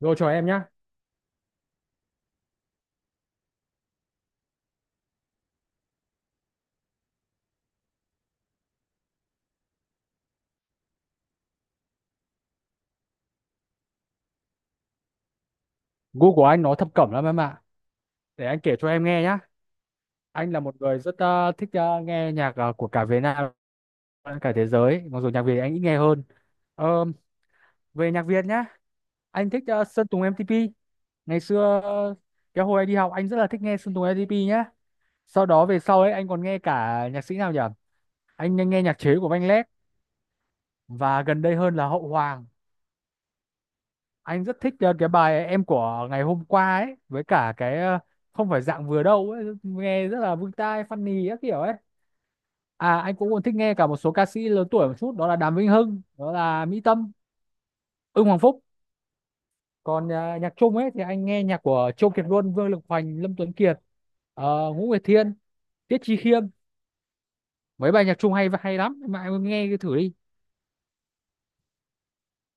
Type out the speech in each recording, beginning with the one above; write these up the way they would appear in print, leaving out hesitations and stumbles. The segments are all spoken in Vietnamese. Rồi chào em nhá. Gu của anh nó thập cẩm lắm em ạ. Để anh kể cho em nghe nhá. Anh là một người rất thích nghe nhạc của cả Việt Nam, cả thế giới. Mặc dù nhạc Việt anh ít nghe hơn. Ờ, Về nhạc Việt nhá, anh thích Sơn Tùng M-TP. Ngày xưa, cái hồi anh đi học, anh rất là thích nghe Sơn Tùng M-TP nhá. Sau đó về sau ấy anh còn nghe cả nhạc sĩ nào nhỉ? Anh nghe nhạc chế của Văn Lét và gần đây hơn là Hậu Hoàng. Anh rất thích cái bài Em Của Ngày Hôm Qua ấy, với cả cái Không Phải Dạng Vừa Đâu ấy, nghe rất là vui tai, funny các kiểu ấy. À, anh cũng còn thích nghe cả một số ca sĩ lớn tuổi một chút, đó là Đàm Vĩnh Hưng, đó là Mỹ Tâm, Ưng Hoàng Phúc. Còn nhạc Trung ấy thì anh nghe nhạc của Châu Kiệt Luân, Vương Lực Hoành, Lâm Tuấn Kiệt, Ngũ Nguyệt Thiên, Tiết Chi Khiêm. Mấy bài nhạc Trung hay hay lắm, mà em nghe cái thử đi.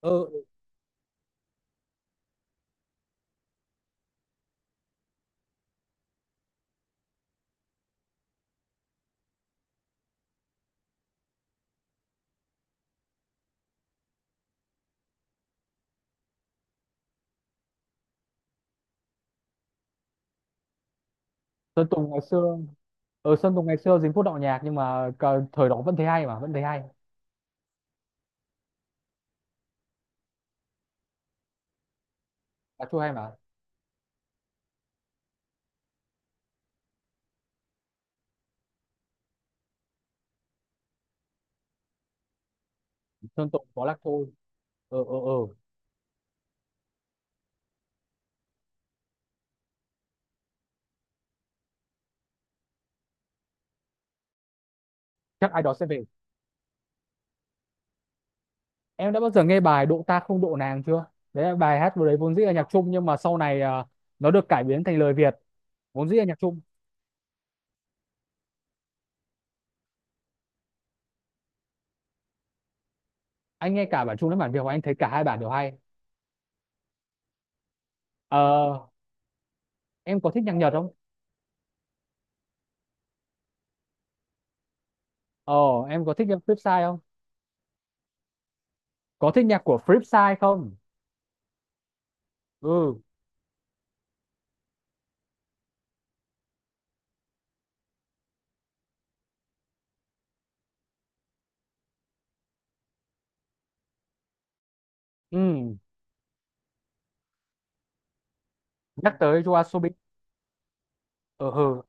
Ừ, Sơn Tùng ngày xưa, ở Sơn Tùng ngày xưa dính phút đạo nhạc nhưng mà thời đó vẫn thấy hay, mà vẫn thấy hay. Nhạc Trung hay mà. Sơn Tùng có Lạc Thôi. ờ ờ ờ Chắc ai đó sẽ về. Em đã bao giờ nghe bài Độ Ta Không Độ Nàng chưa? Đấy là bài hát vừa đấy, vốn dĩ là nhạc Trung nhưng mà sau này à, nó được cải biến thành lời Việt. Vốn dĩ là nhạc Trung. Anh nghe cả bản Trung lẫn bản Việt và anh thấy cả hai bản đều hay. ờ em có thích nhạc Nhật không? ờ em có thích nhạc Flipside không? Có thích nhạc của Flipside không? ừ ừ Nhắc tới YOASOBI. ờ ừ.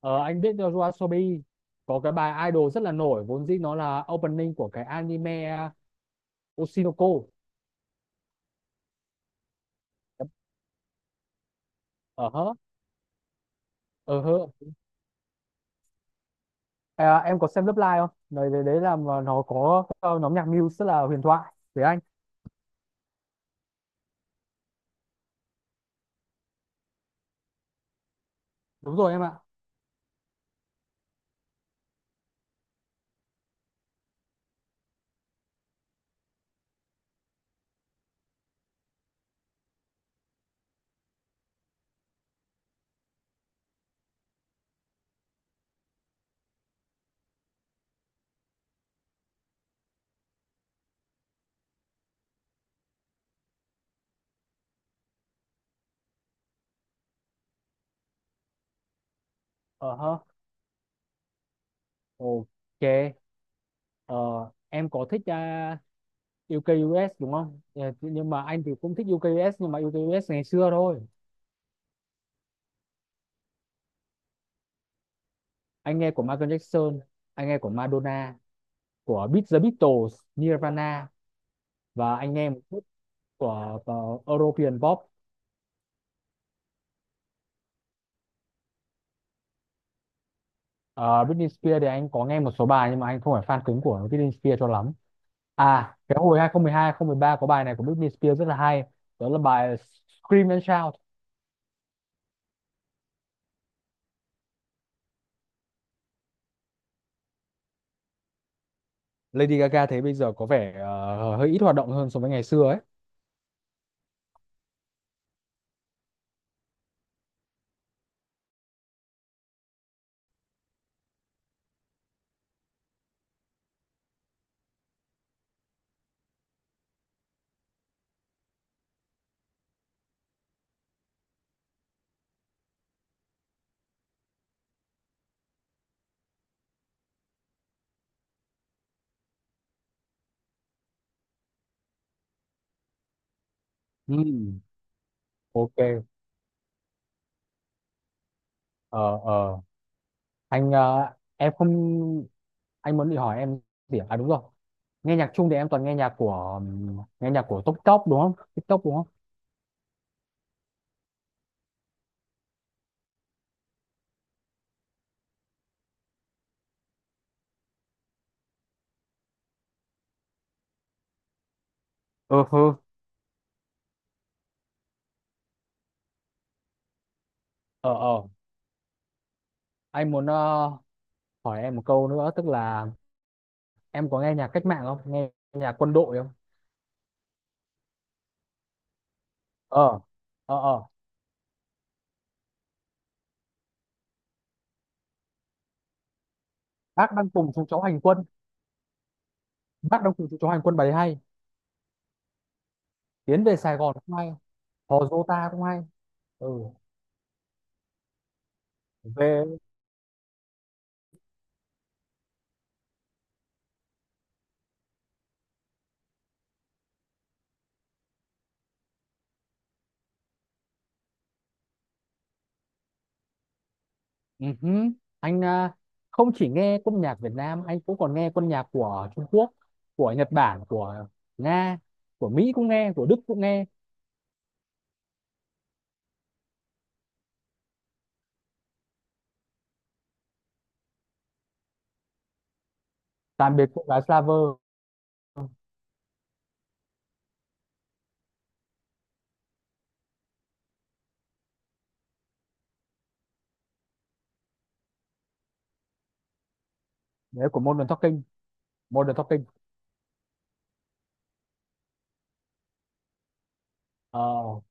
Ờ anh biết được YOASOBI có cái bài Idol rất là nổi, vốn dĩ nó là opening của cái anime Oshinoko. Ờ hớ ờ hơ. À, em có xem Lớp Live không? Đấy đấy, đấy là mà nó có nhóm nhạc Muse, tức là huyền thoại với anh. Đúng rồi em ạ. Ờ hơ. Ok. ờ, em có thích UK US đúng không? Ờ, nhưng mà anh thì cũng thích UK US, nhưng mà UK US ngày xưa thôi. Anh nghe của Michael Jackson, anh nghe của Madonna, của Beat the Beatles, Nirvana. Và anh nghe một chút của European pop. Ờ, Britney Spears thì anh có nghe một số bài nhưng mà anh không phải fan cứng của Britney Spears cho lắm. À, cái hồi 2012, ba có bài này của Britney Spears rất là hay. Đó là bài Scream and Shout. Lady Gaga thấy bây giờ có vẻ hơi ít hoạt động hơn so với ngày xưa ấy. Ừ. Ok. ờ ờ anh ờ, em không Anh muốn đi hỏi em gì à? À, đúng rồi. Nghe nhạc chung thì em toàn nghe nhạc của TikTok đúng không? TikTok đúng không? Ừ hừ. Ờ ờ anh muốn hỏi em một câu nữa, tức là em có nghe nhạc cách mạng không? Nghe nhạc quân đội không? Ờ. Ờ ờ bác Đang Cùng Chúng Cháu Hành Quân, Bác Đang Cùng Chúng Cháu Hành Quân bài hay. Tiến Về Sài Gòn cũng hay. Hò Dô Ta cũng hay. ừ về Ừ hứ. anh à, Không chỉ nghe quân nhạc Việt Nam, anh cũng còn nghe quân nhạc của Trung Quốc, của Nhật Bản, của Nga, của Mỹ cũng nghe, của Đức cũng nghe. Tạm Biệt Cô Gái Slaver đấy, của Modern Talking, Modern Talking. ờ,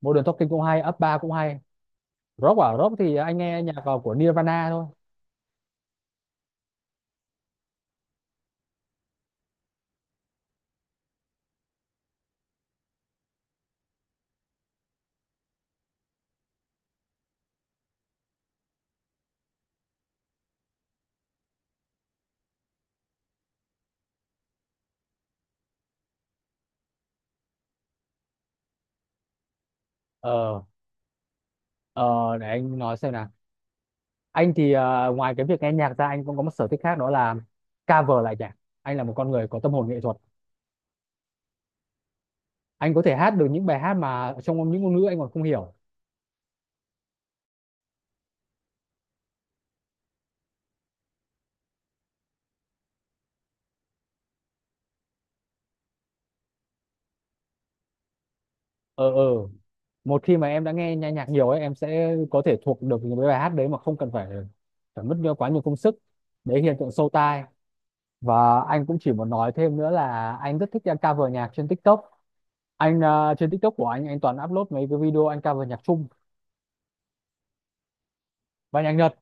Modern Talking cũng hay, up ba cũng hay. Rock à, rock thì anh nghe nhạc vào của Nirvana thôi. ờ ờ để anh nói xem nào. Anh thì à, ngoài cái việc nghe nhạc ra, anh cũng có một sở thích khác, đó là cover lại nhạc. Anh là một con người có tâm hồn nghệ thuật. Anh có thể hát được những bài hát mà trong những ngôn ngữ anh còn không hiểu. ờ ờ Một khi mà em đã nghe nhạc nhạc nhiều ấy, em sẽ có thể thuộc được những cái bài hát đấy mà không cần phải phải mất quá nhiều công sức. Đấy, hiện tượng sâu tai. Và anh cũng chỉ muốn nói thêm nữa là anh rất thích cover nhạc trên TikTok. Anh à, trên TikTok của anh toàn upload mấy cái video anh cover nhạc Trung và nhạc Nhật.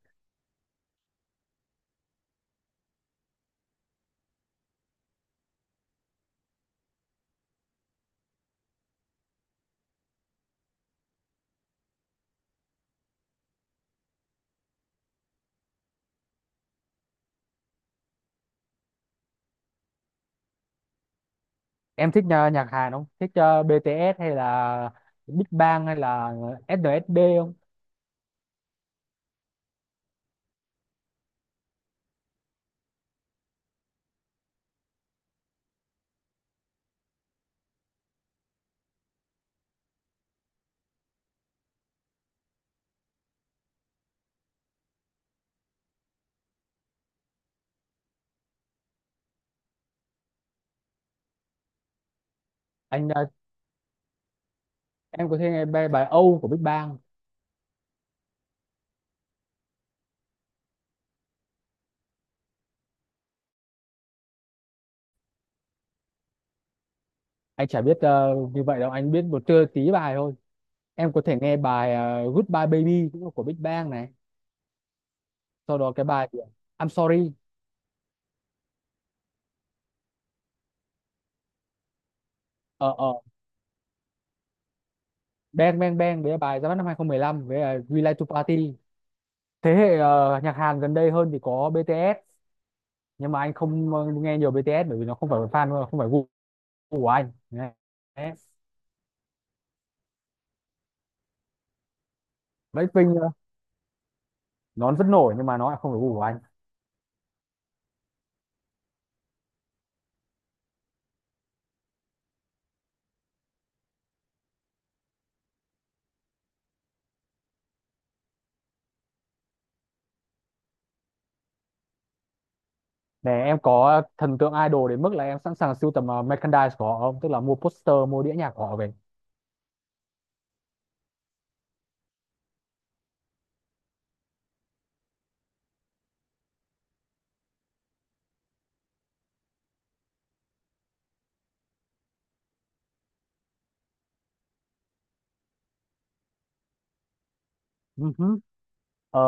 Em thích nhạc Hàn không? Thích BTS hay là Big Bang hay là SNSD không? anh ờ, em có thể nghe bài Âu của Big Bang. Anh chả biết như vậy đâu, anh biết một trưa tí bài thôi. Em có thể nghe bài Goodbye Baby cũng là của Big Bang này. Sau đó cái bài của I'm Sorry. ờ ờ Bang Bang Bang với bài ra mắt năm 2015 với We Like to Party. Thế hệ nhạc Hàn gần đây hơn thì có BTS, nhưng mà anh không nghe nhiều BTS bởi vì nó không phải là fan, không phải gu của anh. Đấy. Blackpink nó vẫn nổi nhưng mà nó lại không được gu của anh. Nè, em có thần tượng idol đến mức là em sẵn sàng sưu tầm merchandise của họ không, tức là mua poster, mua đĩa nhạc của họ về? Ừ hứ. Ờ,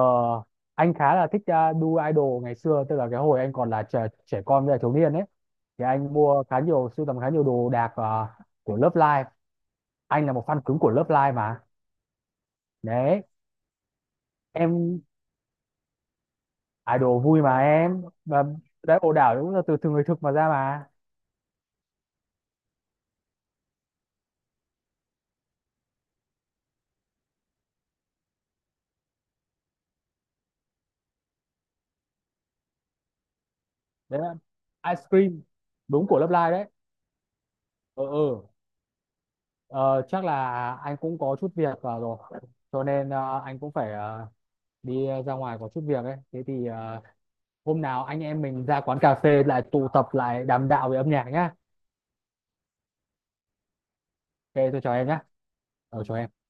anh khá là thích đu idol ngày xưa, tức là cái hồi anh còn là trẻ con với là thiếu niên ấy, thì anh mua khá nhiều, sưu tầm khá nhiều đồ đạc của Love Live. Anh là một fan cứng của Love Live mà. Đấy. Em idol vui mà em. Và đấy, ồ đảo cũng là từ từ người thực mà ra mà. Đấy là Ice Cream, đúng của Love Live đấy. ừ ừ Ờ, chắc là anh cũng có chút việc rồi, cho nên anh cũng phải đi ra ngoài có chút việc ấy. Thế thì hôm nào anh em mình ra quán cà phê lại tụ tập, lại đàm đạo về âm nhạc nhá. Ok, tôi chào em nhá. Chào em.